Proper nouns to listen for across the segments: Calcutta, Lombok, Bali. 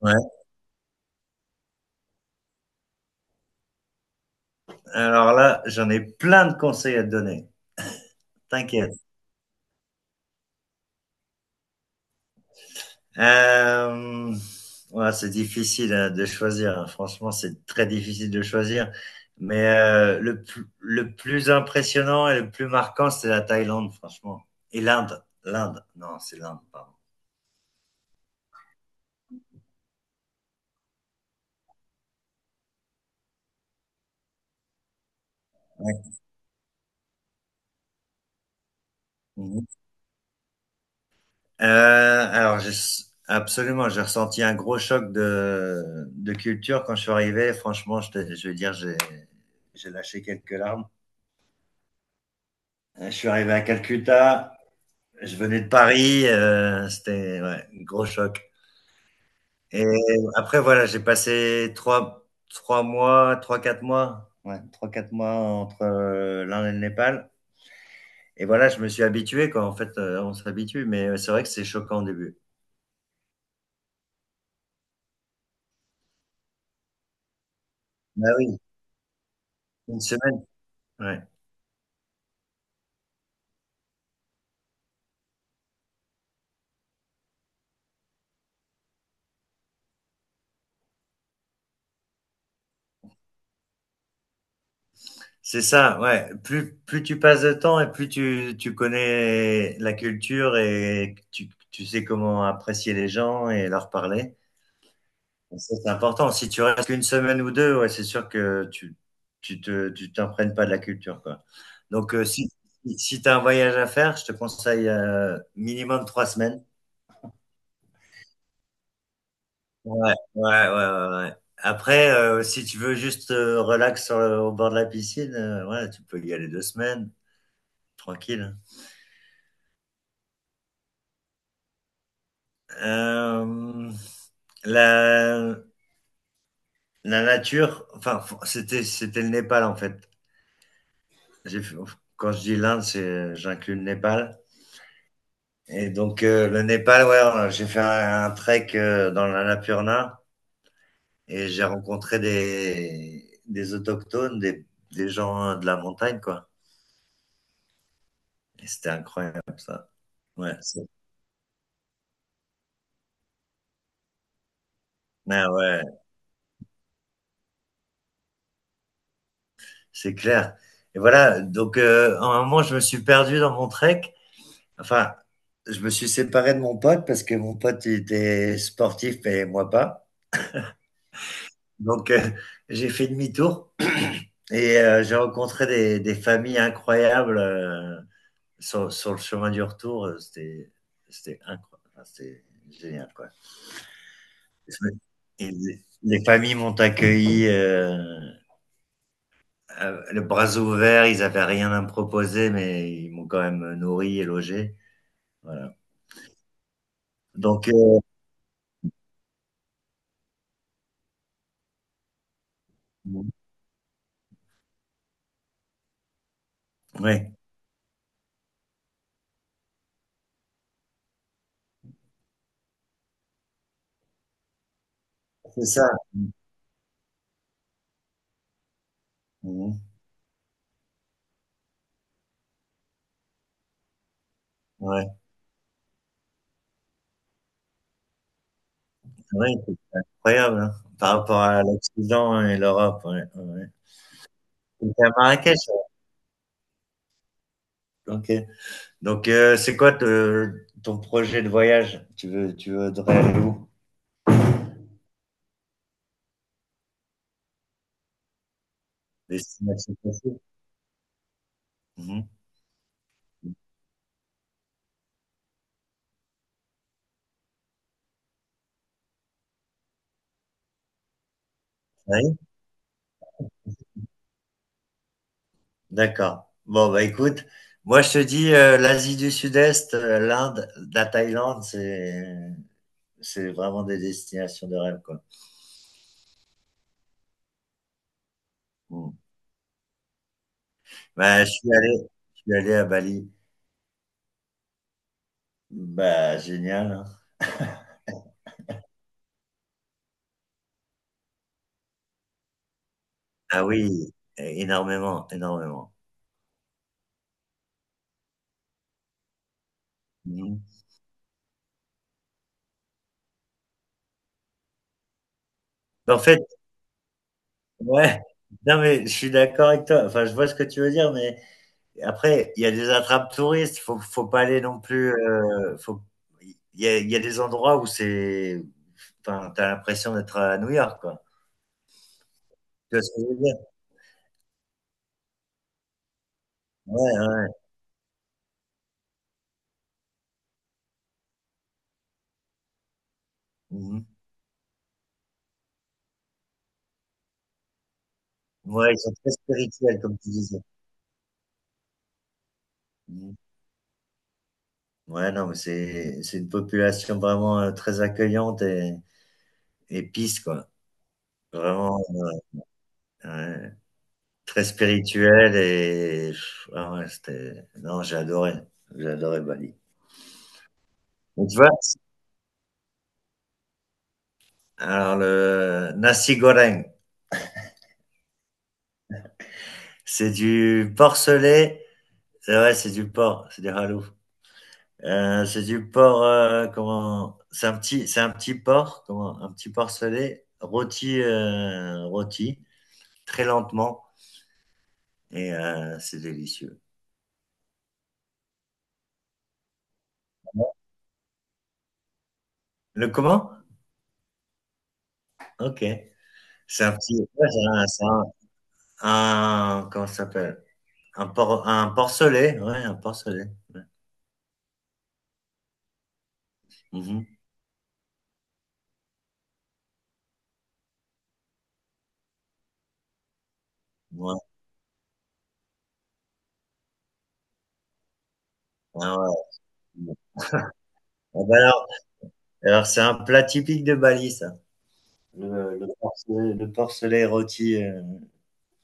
Ouais. Alors là, j'en ai plein de conseils à te donner. T'inquiète. Euh, ouais, c'est difficile hein, de choisir. Hein. Franchement, c'est très difficile de choisir. Mais le plus impressionnant et le plus marquant, c'est la Thaïlande, franchement. Et l'Inde. L'Inde. Non, c'est l'Inde, pardon. Ouais. Mhm. Euh, alors, j'ai- absolument, j'ai ressenti un gros choc de culture quand je suis arrivé. Franchement, je vais dire, j'ai lâché quelques larmes. Je suis arrivé à Calcutta. Je venais de Paris, c'était ouais, un gros choc et après voilà, j'ai passé trois mois, trois quatre mois, ouais, 3-4 mois entre, l'Inde et le Népal et voilà, je me suis habitué quoi, en fait, on s'habitue mais c'est vrai que c'est choquant au début. Bah oui, une semaine, ouais. C'est ça, ouais, plus tu passes de temps et plus tu connais la culture et tu sais comment apprécier les gens et leur parler. Ça, c'est important. Si tu restes qu'une semaine ou deux, ouais, c'est sûr que tu t'imprègnes pas de la culture, quoi. Donc si tu as un voyage à faire, je te conseille minimum 3 semaines. Ouais, ouais, ouais, ouais, ouais. Après, si tu veux juste relax sur au bord de la piscine, ouais, tu peux y aller 2 semaines, tranquille. Euh, la, la nature, enfin, c'était le Népal en fait. J'ai fait- quand je dis l'Inde, c'est j'inclus le Népal. Et donc le Népal, ouais, j'ai fait un trek dans l'Annapurna et j'ai rencontré des autochtones, des gens de la montagne, quoi. Et c'était incroyable, ça. Ouais, c'est ouais, ouais, c'est clair. Et voilà, donc à un moment, je me suis perdu dans mon trek. Enfin, je me suis séparé de mon pote parce que mon pote il était sportif et moi pas. Donc j'ai fait demi-tour et j'ai rencontré des familles incroyables. Sur sur le chemin du retour, c'était incroyable. Enfin, c'était génial quoi. Et les familles m'ont accueilli le bras ouvert, ils n'avaient rien à me proposer, mais ils m'ont quand même nourri et logé, voilà. Donc ouais, c'est ça. Mmh. Ouais, ouais, c'est incroyable, hein, par rapport à l'Occident et l'Europe, ouais, ouais, ouais. À Marrakech? Ouais. OK. Donc c'est quoi te ton projet de voyage? Tu voudrais aller où? Des destinations précises. Mhm. Oui, d'accord. Bon, bah écoute, moi je te dis l'Asie du Sud-Est, l'Inde, la Thaïlande, c'est vraiment des destinations de rêve, quoi. Mm. Bah, je suis allé à Bali. Bah, génial. Hein. Ah oui, énormément, énormément. Mhm. En fait, ouais, non mais je suis d'accord avec toi. Enfin, je vois ce que tu veux dire, mais après, il y a des attrapes touristes, faut pas aller non plus, faut il y a des endroits où c'est enfin, tu l'impression d'être à New York, quoi. Tu vois ce que je veux dire? Ouais, ouais. Mmh. Ouais, ils sont très spirituels comme tu disais. Mmh. Ouais, non, mais c'est une population vraiment, très accueillante et peace, quoi. Vraiment, ouais, ouais, très spirituelle et pff, ah ouais, c'était non, j'ai adoré Bali. Mais tu vois? Alors le nasi goreng. C'est du porc selé. C'est ouais, c'est du porc, c'est des halous. C'est du porc, c'est un petit porc, comment, un petit porc selé, rôti, rôti, très lentement, et c'est délicieux. Le comment? Ok. C'est un petit, ouais, comment ça s'appelle? Un porc selé, ouais, un porc selé. Ouais. Mhm. Ouais. Ah ouais. Ah bah alors c'est un plat typique de Bali, ça. Porcelet, le porcelet rôti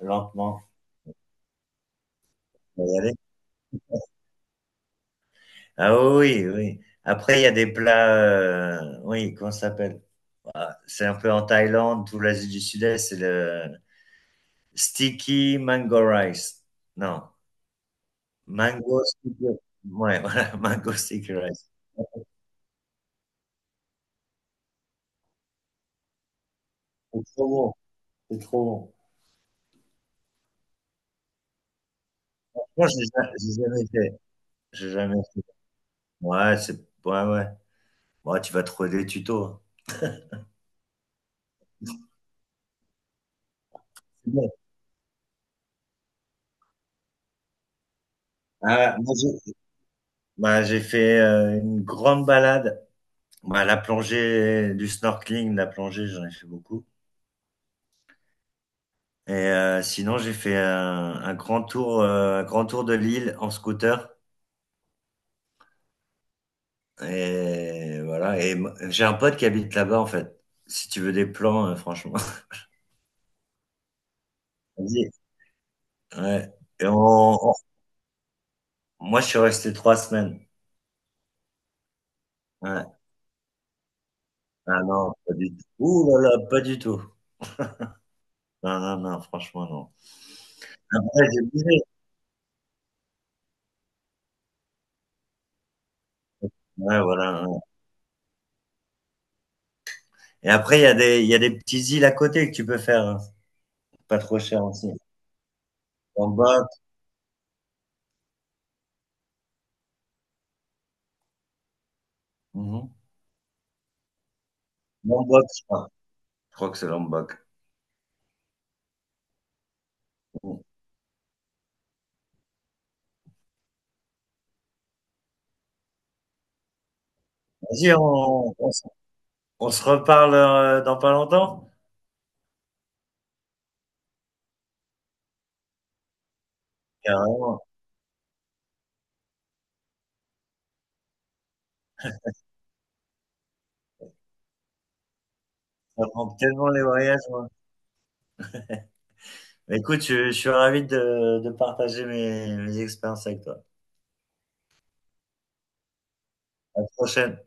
lentement. On va y aller. Ah oui, oui, oui. Après, il y a des plats, oui, comment ça s'appelle? Ah, c'est un peu en Thaïlande, tout l'Asie du Sud-Est, c'est le sticky mango rice. Non, mango sticky. Ouais, voilà, mango sticky rice. C'est trop bon, c'est trop bon. Moi, j'ai jamais fait. J'ai jamais fait. Ouais, ouais, ouais. Bon, tu vas trouver des tutos. C'est bon. Ah, moi, bah, j'ai fait une grande balade. Bah, la plongée, du snorkeling, la plongée, j'en ai fait beaucoup. Et sinon, j'ai fait un grand tour de l'île en scooter. Et voilà. Et j'ai un pote qui habite là-bas, en fait. Si tu veux des plans, franchement. Vas-y. Ouais. Et moi, je suis resté 3 semaines. Ouais. Ah non, pas du tout. Ouh là là, pas du tout. Non, non, non, franchement, non. Après, j'ai bougé. Ouais, voilà. Et après, il y a des petits îles à côté que tu peux faire. Hein. C'est pas trop cher aussi. Lombok. Mhm. Lombok, je crois. Je crois que c'est Lombok. Mhm. Vas-y, on se reparle dans pas longtemps. Carrément. Ça prend tellement les voyages, moi. Mais écoute, je suis ravi de partager mes expériences avec toi. À la prochaine.